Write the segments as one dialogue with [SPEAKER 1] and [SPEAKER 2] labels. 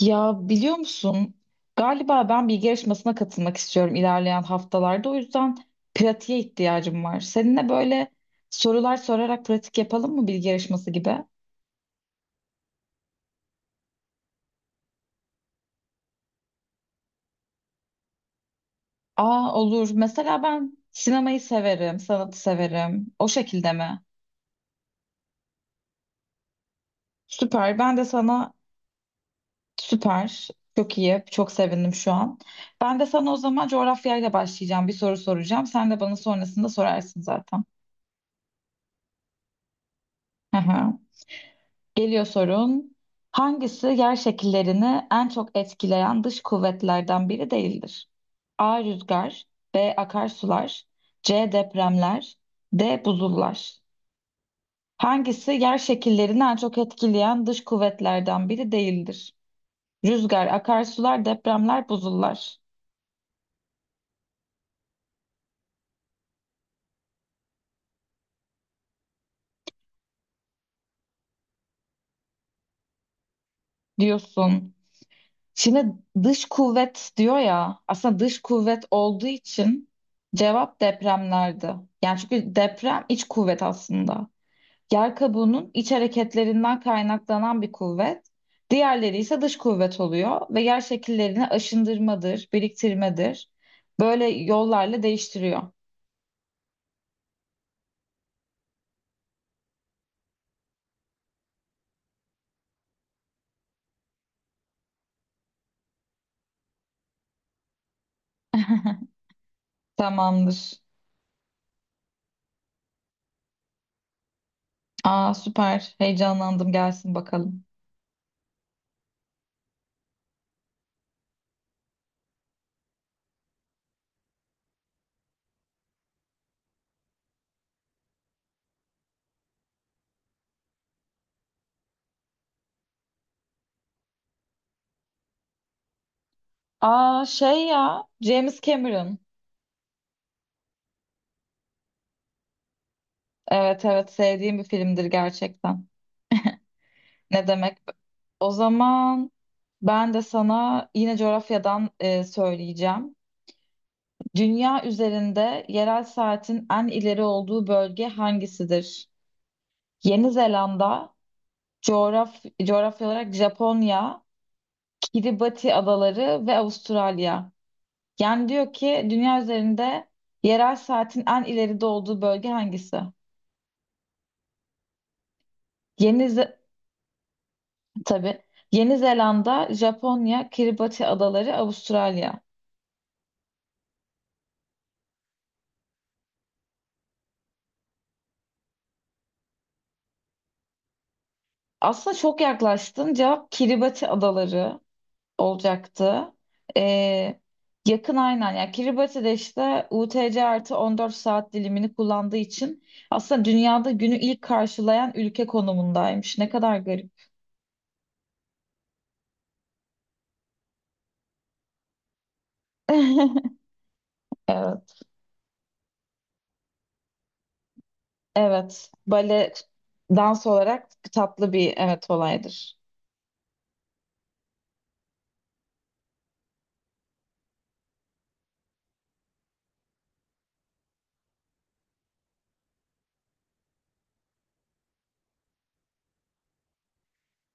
[SPEAKER 1] Ya biliyor musun? Galiba ben bilgi yarışmasına katılmak istiyorum ilerleyen haftalarda. O yüzden pratiğe ihtiyacım var. Seninle böyle sorular sorarak pratik yapalım mı bilgi yarışması gibi? Aa olur. Mesela ben sinemayı severim, sanatı severim. O şekilde mi? Süper. Ben de sana süper. Çok iyi. Çok sevindim şu an. Ben de sana o zaman coğrafyayla başlayacağım. Bir soru soracağım. Sen de bana sonrasında sorarsın zaten. Hı hı. Geliyor sorun. Hangisi yer şekillerini en çok etkileyen dış kuvvetlerden biri değildir? A. Rüzgar. B. Akarsular. C. Depremler. D. Buzullar. Hangisi yer şekillerini en çok etkileyen dış kuvvetlerden biri değildir? Rüzgar, akarsular, depremler, buzullar diyorsun. Şimdi dış kuvvet diyor ya, aslında dış kuvvet olduğu için cevap depremlerdi. Yani çünkü deprem iç kuvvet aslında. Yer kabuğunun iç hareketlerinden kaynaklanan bir kuvvet, diğerleri ise dış kuvvet oluyor ve yer şekillerini aşındırmadır, biriktirmedir. Böyle yollarla değiştiriyor. Tamamdır. Aa süper. Heyecanlandım. Gelsin bakalım. Aa James Cameron. Evet, evet, sevdiğim bir filmdir gerçekten. Ne demek? O zaman ben de sana yine coğrafyadan söyleyeceğim. Dünya üzerinde yerel saatin en ileri olduğu bölge hangisidir? Yeni Zelanda, coğrafya olarak Japonya, Kiribati adaları ve Avustralya. Yani diyor ki dünya üzerinde yerel saatin en ileride olduğu bölge hangisi? Yeni Ze- tabii. Yeni Zelanda, Japonya, Kiribati adaları, Avustralya. Aslında çok yaklaştın. Cevap Kiribati adaları olacaktı. Ee, Yakın aynen. Yani Kiribati'de işte UTC artı 14 saat dilimini kullandığı için aslında dünyada günü ilk karşılayan ülke konumundaymış. Ne kadar garip. Evet. evet. Bale dans olarak tatlı bir evet olaydır.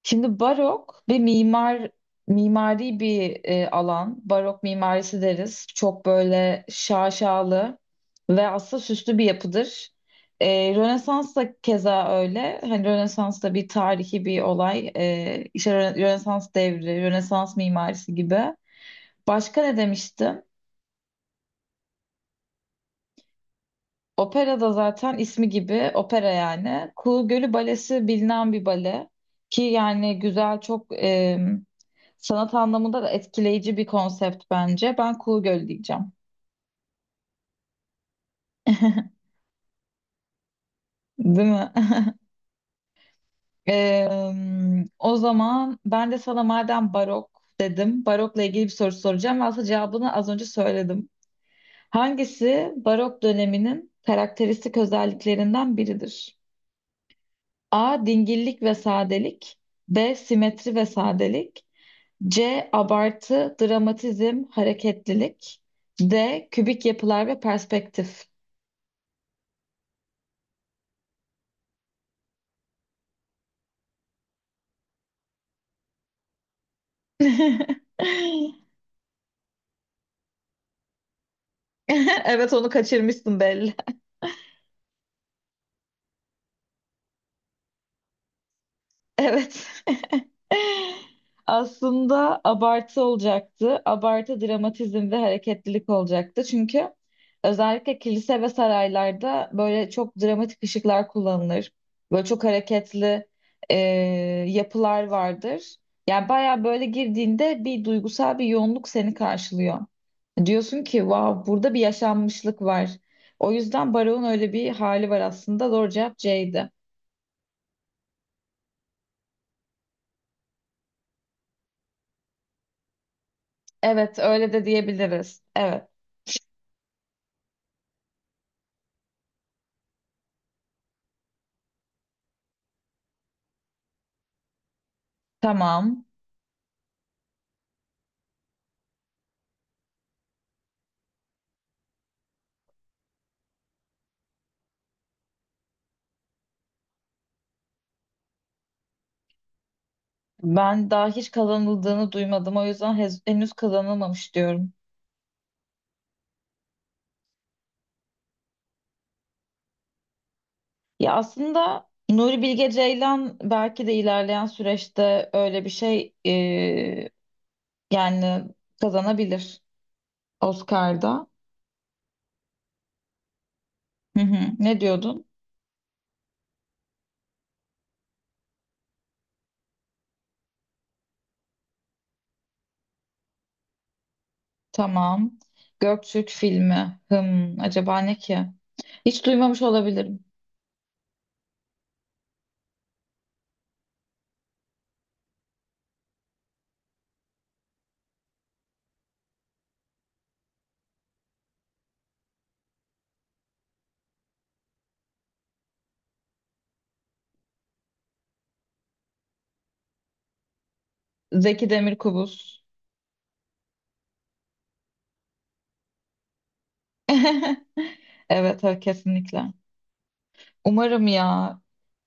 [SPEAKER 1] Şimdi barok ve mimari bir alan. Barok mimarisi deriz. Çok böyle şaşalı ve aslında süslü bir yapıdır. Rönesans da keza öyle. Hani Rönesans da bir tarihi bir olay. İşte Rönesans devri, Rönesans mimarisi gibi. Başka ne demiştim? Opera da zaten ismi gibi opera yani. Kuğu Gölü Balesi bilinen bir bale. Ki yani güzel çok sanat anlamında da etkileyici bir konsept bence. Ben Kuğu Gölü diyeceğim. Değil mi? Eee, O zaman ben de sana madem barok dedim, barokla ilgili bir soru soracağım. Ve aslında cevabını az önce söyledim. Hangisi barok döneminin karakteristik özelliklerinden biridir? A. Dingillik ve sadelik. B. Simetri ve sadelik. C. Abartı, dramatizm, hareketlilik. D. Kübik yapılar ve perspektif. Evet, onu kaçırmışsın belli. Evet. Aslında abartı olacaktı. Abartı, dramatizm ve hareketlilik olacaktı. Çünkü özellikle kilise ve saraylarda böyle çok dramatik ışıklar kullanılır. Böyle çok hareketli e, yapılar vardır. Yani baya böyle girdiğinde bir duygusal bir yoğunluk seni karşılıyor. Diyorsun ki wow, burada bir yaşanmışlık var. O yüzden Baro'nun öyle bir hali var aslında. Doğru cevap C'ydi. Evet, öyle de diyebiliriz. Evet, tamam. Ben daha hiç kazanıldığını duymadım. O yüzden henüz kazanılmamış diyorum. Ya aslında Nuri Bilge Ceylan belki de ilerleyen süreçte öyle bir şey yani kazanabilir Oscar'da. Hı hı. Ne diyordun? Tamam. Göktürk filmi. Hım, acaba ne ki? Hiç duymamış olabilirim. Zeki Demirkubuz. Evet, evet, kesinlikle. Umarım ya.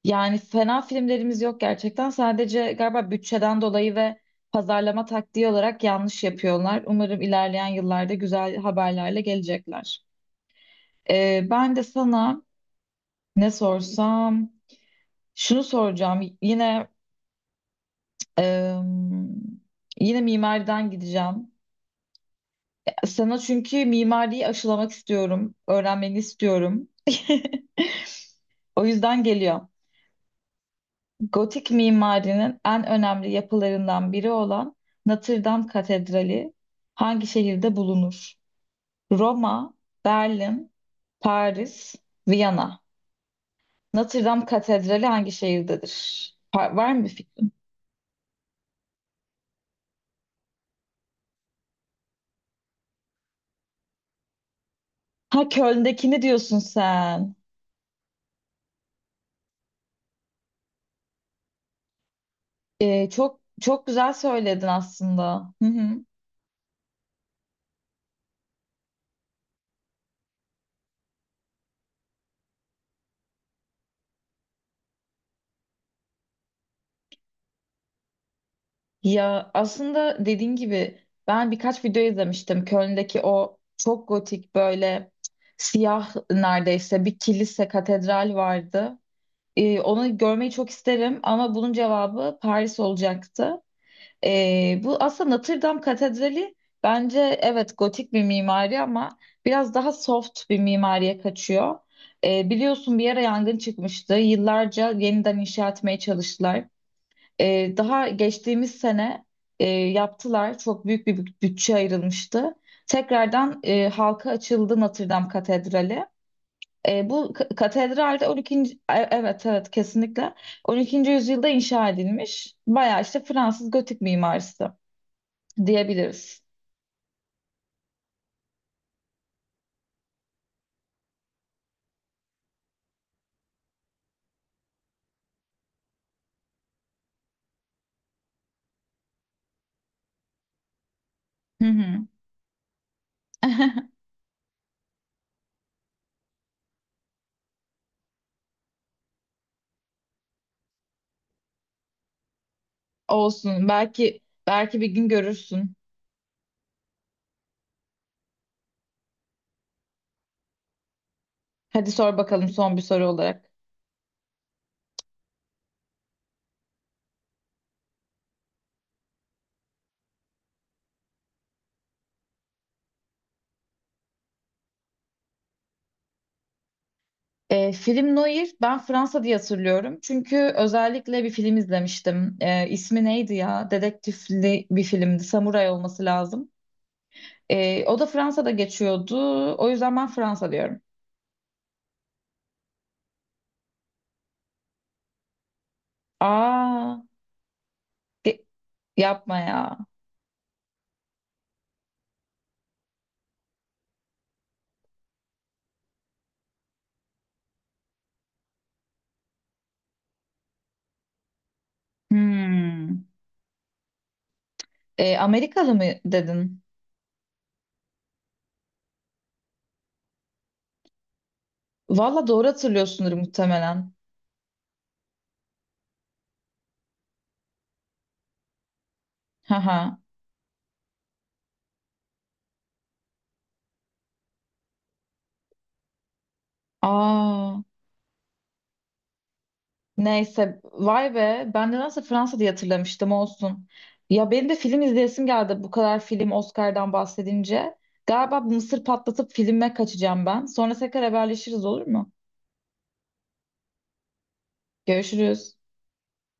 [SPEAKER 1] Yani fena filmlerimiz yok gerçekten. Sadece galiba bütçeden dolayı ve pazarlama taktiği olarak yanlış yapıyorlar. Umarım ilerleyen yıllarda güzel haberlerle gelecekler. Ben de sana ne sorsam şunu soracağım. Yine em, yine mimariden gideceğim. Sana çünkü mimariyi aşılamak istiyorum, öğrenmeni istiyorum. O yüzden geliyor. Gotik mimarinin en önemli yapılarından biri olan Notre Dame Katedrali hangi şehirde bulunur? Roma, Berlin, Paris, Viyana. Notre Dame Katedrali hangi şehirdedir? Var mı bir fikrin? Ha, Köln'dekini diyorsun sen. Çok çok güzel söyledin aslında. Hı hı. Ya aslında dediğin gibi ben birkaç video izlemiştim. Köln'deki o çok gotik böyle siyah neredeyse bir kilise, katedral vardı. Onu görmeyi çok isterim ama bunun cevabı Paris olacaktı. Bu aslında Notre Dame Katedrali bence evet gotik bir mimari ama biraz daha soft bir mimariye kaçıyor. Biliyorsun bir ara yangın çıkmıştı. Yıllarca yeniden inşa etmeye çalıştılar. Daha geçtiğimiz sene yaptılar. Çok büyük bir bütçe ayrılmıştı. Tekrardan halka açıldı Notre Dame Katedrali. Bu katedralde 12. Evet, evet, kesinlikle 12. yüzyılda inşa edilmiş. Bayağı işte Fransız gotik mimarisi diyebiliriz. Hı hı. Olsun. Belki belki bir gün görürsün. Hadi sor bakalım son bir soru olarak. E, film noir ben Fransa diye hatırlıyorum. Çünkü özellikle bir film izlemiştim. İsmi neydi ya? Dedektifli bir filmdi. Samuray olması lazım. O da Fransa'da geçiyordu. O yüzden ben Fransa diyorum. Aa, ge- yapma ya. Hmm. E, Amerikalı mı dedin? Valla doğru hatırlıyorsundur muhtemelen. Haha. Aa. Neyse vay be, ben de nasıl Fransa diye hatırlamıştım, olsun. Ya benim de film izleyesim geldi bu kadar film, Oscar'dan bahsedince. Galiba bu mısır patlatıp filme kaçacağım ben. Sonra tekrar haberleşiriz, olur mu? Görüşürüz.